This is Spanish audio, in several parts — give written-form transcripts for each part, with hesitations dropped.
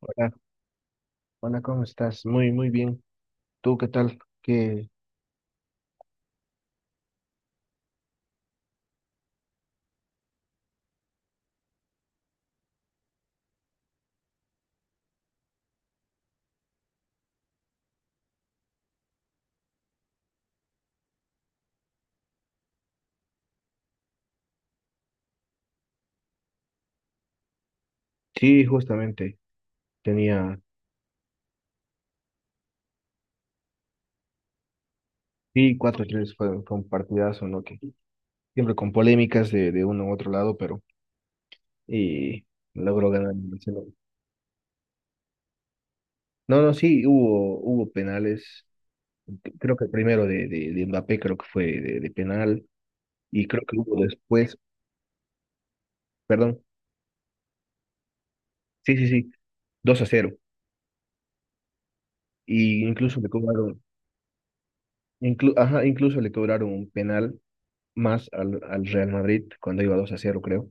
Hola, hola, ¿cómo estás? Muy, muy bien. ¿Tú qué tal? Que sí, justamente tenía, sí, cuatro 3 fue partidazo, ¿no? Que siempre con polémicas de uno u otro lado, pero y logró ganar el Barcelona. No, no, sí, hubo penales. Creo que el primero de Mbappé creo que fue de penal y creo que hubo después, perdón, sí, sí, sí, 2-0. Y incluso le cobraron, ajá, incluso le cobraron un penal más al Real Madrid cuando iba 2-0, creo.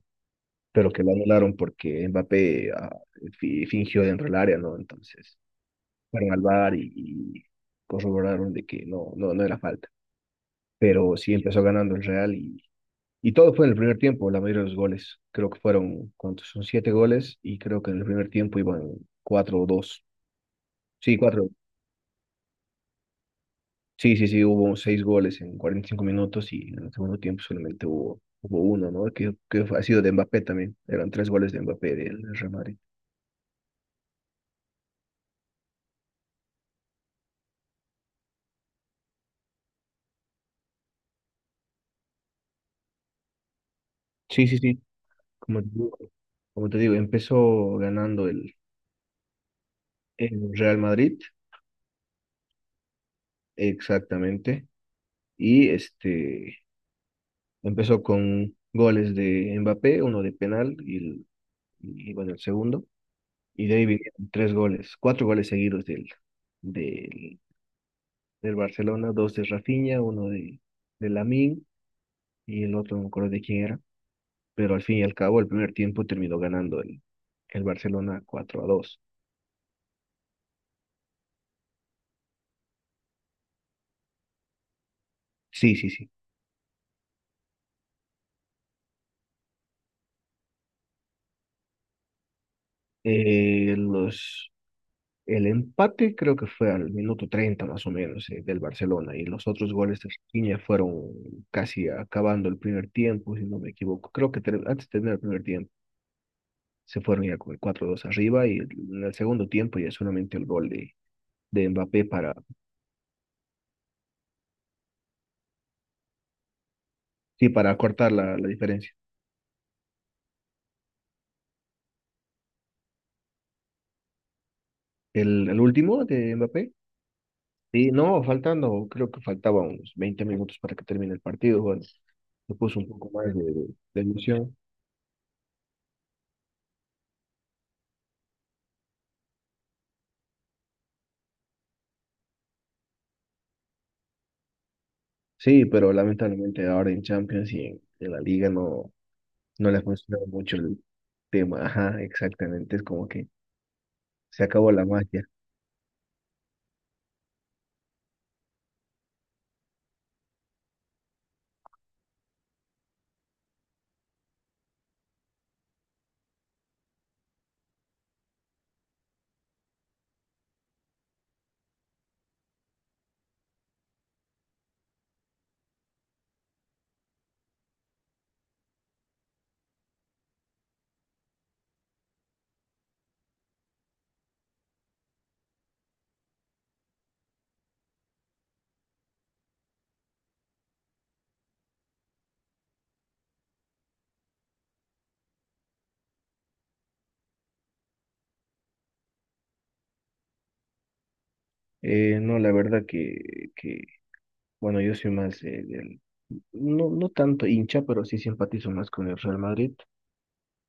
Pero que lo anularon porque Mbappé fingió dentro del área, ¿no? Entonces fueron al VAR y corroboraron de que no, no, no era falta. Pero sí empezó ganando el Real y todo fue en el primer tiempo, la mayoría de los goles. Creo que fueron, ¿cuántos? Son siete goles y creo que en el primer tiempo iban cuatro o dos. Sí, cuatro. Sí, sí, sí, hubo seis goles en 45 minutos y en el segundo tiempo solamente hubo uno, ¿no? Que ha sido de Mbappé también. Eran tres goles de Mbappé del Real Madrid. Sí, sí, sí. Como te digo, como te digo, empezó ganando el Real Madrid, exactamente, y este empezó con goles de Mbappé, uno de penal y, bueno, el segundo, y de ahí vinieron tres goles, cuatro goles seguidos del, del Barcelona, dos de Rafinha, uno de Lamine y el otro no me acuerdo de quién era, pero al fin y al cabo el primer tiempo terminó ganando el Barcelona 4-2. Sí, sí, sí. Los El empate creo que fue al minuto 30 más o menos del Barcelona y los otros goles de Rafinha fueron casi acabando el primer tiempo, si no me equivoco. Creo que antes de terminar el primer tiempo se fueron ya con el 4-2 arriba y en el segundo tiempo ya solamente el gol de Mbappé para, sí, para cortar la diferencia. El último de Mbappé, sí, no, faltando, creo que faltaban unos 20 minutos para que termine el partido. Bueno, se puso un poco más de ilusión. Sí, pero lamentablemente ahora en Champions y en la liga no, no le ha funcionado mucho el tema. Ajá, exactamente. Es como que se acabó la magia. No, la verdad que, bueno, yo soy más del, no, no tanto hincha, pero sí simpatizo más con el Real Madrid.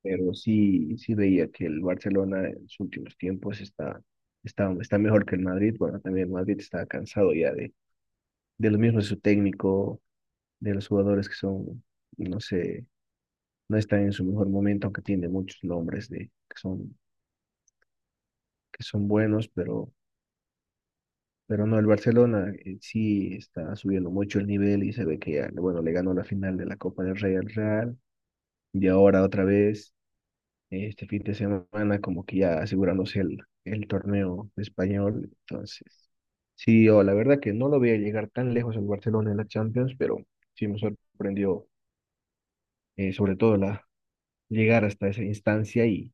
Pero sí, sí veía que el Barcelona en sus últimos tiempos está mejor que el Madrid. Bueno, también el Madrid está cansado ya de lo mismo de su técnico, de los jugadores que son, no sé no está en su mejor momento, aunque tiene muchos nombres de, que son, que son buenos, pero no, el Barcelona sí está subiendo mucho el nivel y se ve que ya, bueno, le ganó la final de la Copa del Rey al Real y ahora otra vez, este fin de semana, como que ya asegurándose el torneo español, entonces. Sí, yo la verdad que no lo veía llegar tan lejos el Barcelona en la Champions, pero sí me sorprendió sobre todo la llegar hasta esa instancia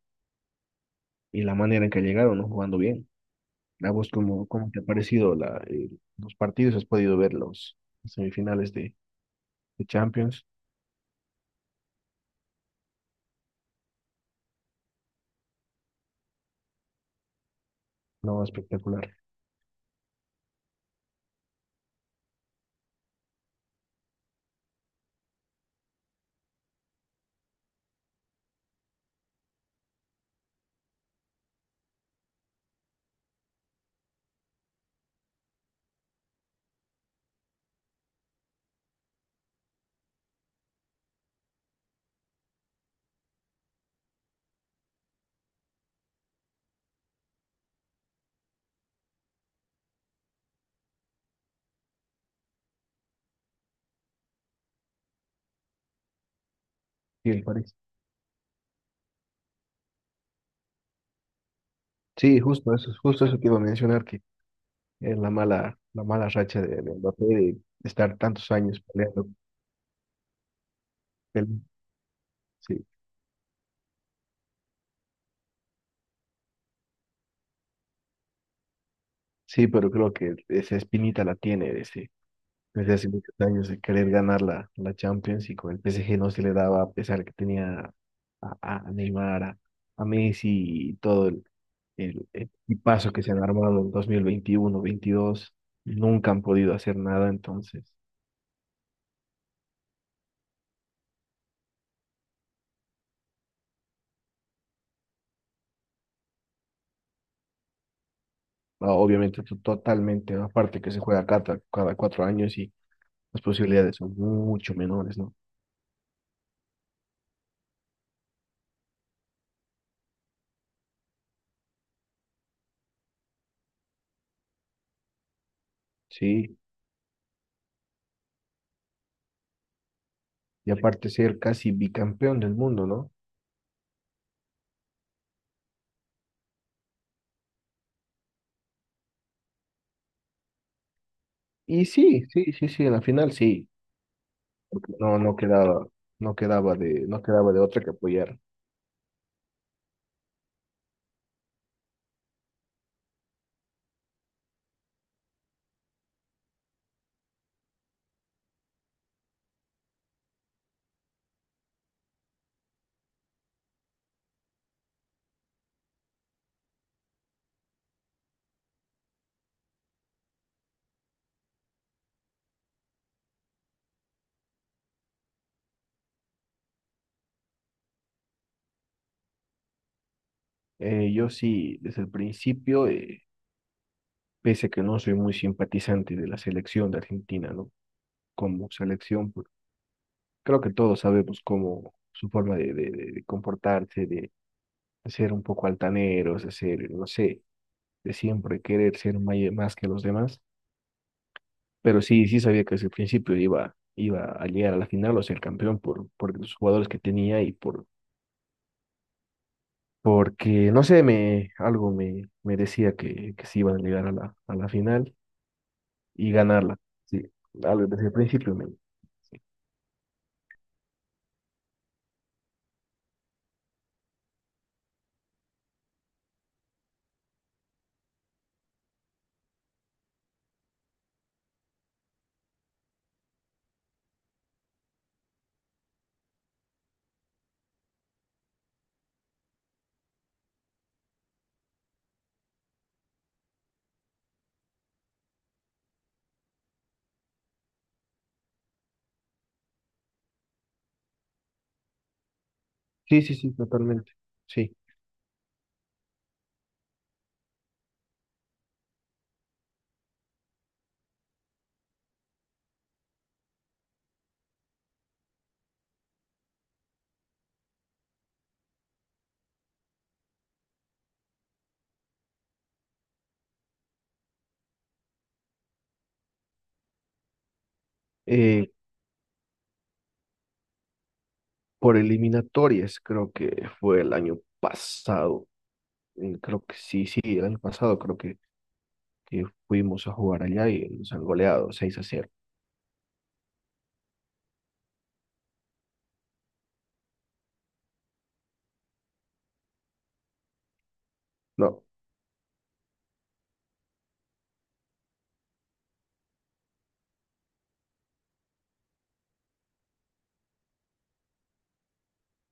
y la manera en que llegaron, ¿no? Jugando bien. ¿A vos cómo, cómo te ha parecido los partidos? ¿Has podido ver los semifinales de Champions? No, espectacular. Sí, el París. Sí, justo eso que iba a mencionar, que es la mala racha de Mbappé de estar tantos años peleando. pele- Sí, sí, pero creo que esa espinita la tiene desde hace muchos años de querer ganar la Champions y con el PSG no se le daba a pesar que tenía a, a Neymar, a Messi y todo, el equipazo que se han armado en 2021-2022 nunca han podido hacer nada, entonces, ah, obviamente totalmente, ¿no? Aparte que se juega cada 4 años y las posibilidades son mucho menores, ¿no? Sí, y aparte ser casi bicampeón del mundo, ¿no? Y sí, sí, sí, sí, en la final sí, porque no, no quedaba de otra que apoyar. Yo sí, desde el principio, pese a que no soy muy simpatizante de la selección de Argentina, ¿no? Como selección, creo que todos sabemos cómo su forma de comportarse, de ser un poco altaneros, de ser, no sé, de siempre querer ser más que los demás. Pero sí, sí sabía que desde el principio iba a llegar a la final o ser campeón por los jugadores que tenía y por, porque, no sé, me, algo me decía que sí iban a llegar a la final y ganarla. Sí, algo desde el principio me... Sí, sí, sí, totalmente. Sí. Eh, por eliminatorias, creo que fue el año pasado, mm, creo que sí, sí, el año pasado creo que fuimos a jugar allá y nos han goleado 6 a cero. No,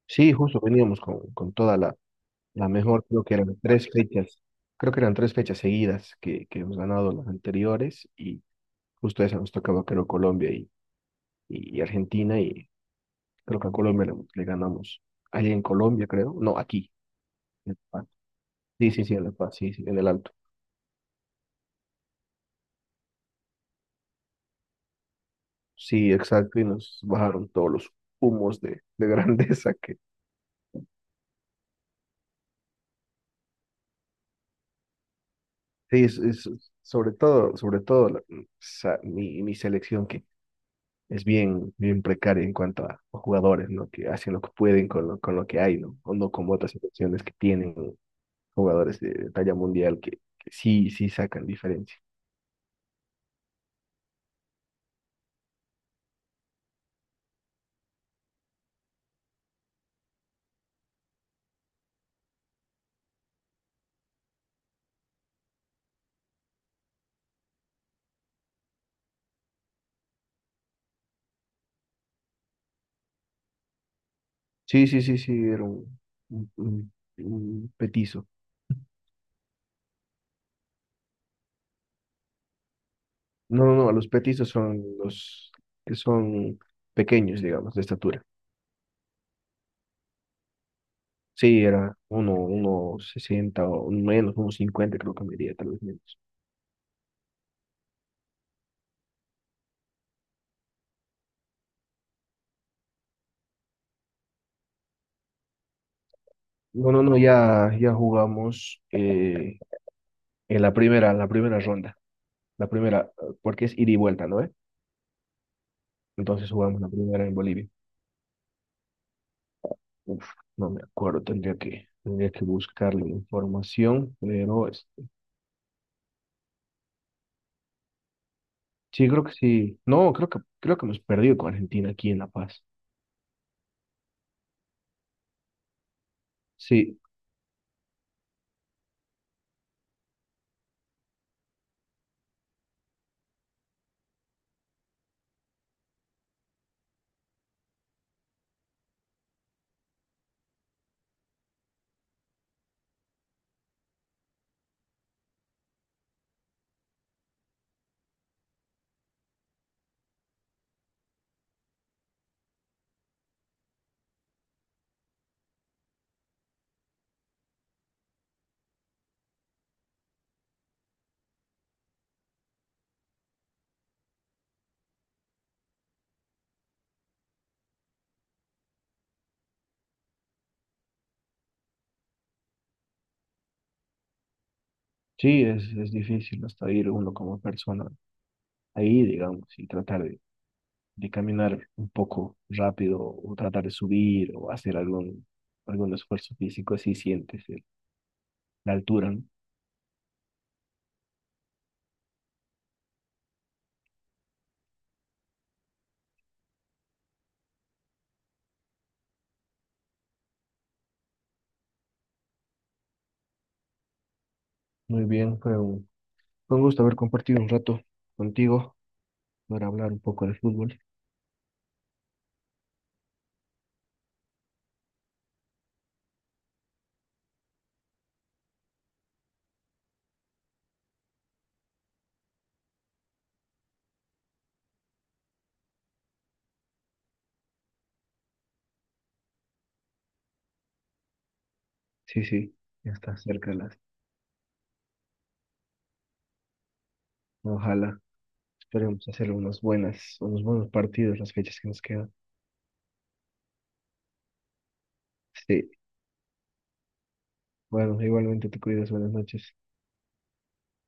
sí, justo veníamos con toda la mejor, creo que eran tres fechas seguidas que hemos ganado las anteriores y justo esa nos tocaba, creo, Colombia y Argentina y creo que a Colombia le ganamos allá en Colombia, creo, no, aquí, en La Paz. Sí, sí, sí, en La Paz, sí, sí, en el Alto. Sí, exacto, y nos bajaron todos los humos de grandeza que sí, sobre todo mi selección que es bien, bien precaria en cuanto a jugadores, ¿no? Que hacen lo que pueden con lo que hay, ¿no? O no como otras selecciones que tienen jugadores de talla mundial que sí, sí sacan diferencia. Sí, sí, sí, sí, era un, un- un petizo. No, no, no, los petizos son los que son pequeños, digamos, de estatura. Sí, era uno sesenta o menos, unos cincuenta creo que medía, tal vez menos. No, no, no, ya jugamos en la primera ronda, porque es ida y vuelta, ¿no? Entonces jugamos la primera en Bolivia. Uf, no me acuerdo, tendría que buscar la información, pero sí, creo que sí. No, creo que hemos perdido con Argentina aquí en La Paz. Sí, sí, es difícil hasta ir uno como persona ahí, digamos, y tratar de caminar un poco rápido o tratar de subir o hacer algún esfuerzo físico, así sientes la altura, ¿no? Muy bien, fue un gusto haber compartido un rato contigo para hablar un poco de fútbol. Sí, sí, ya está cerca las. Ojalá, esperemos hacer unas buenas, unos buenos partidos las fechas que nos quedan. Sí, bueno, igualmente te cuidas, buenas noches.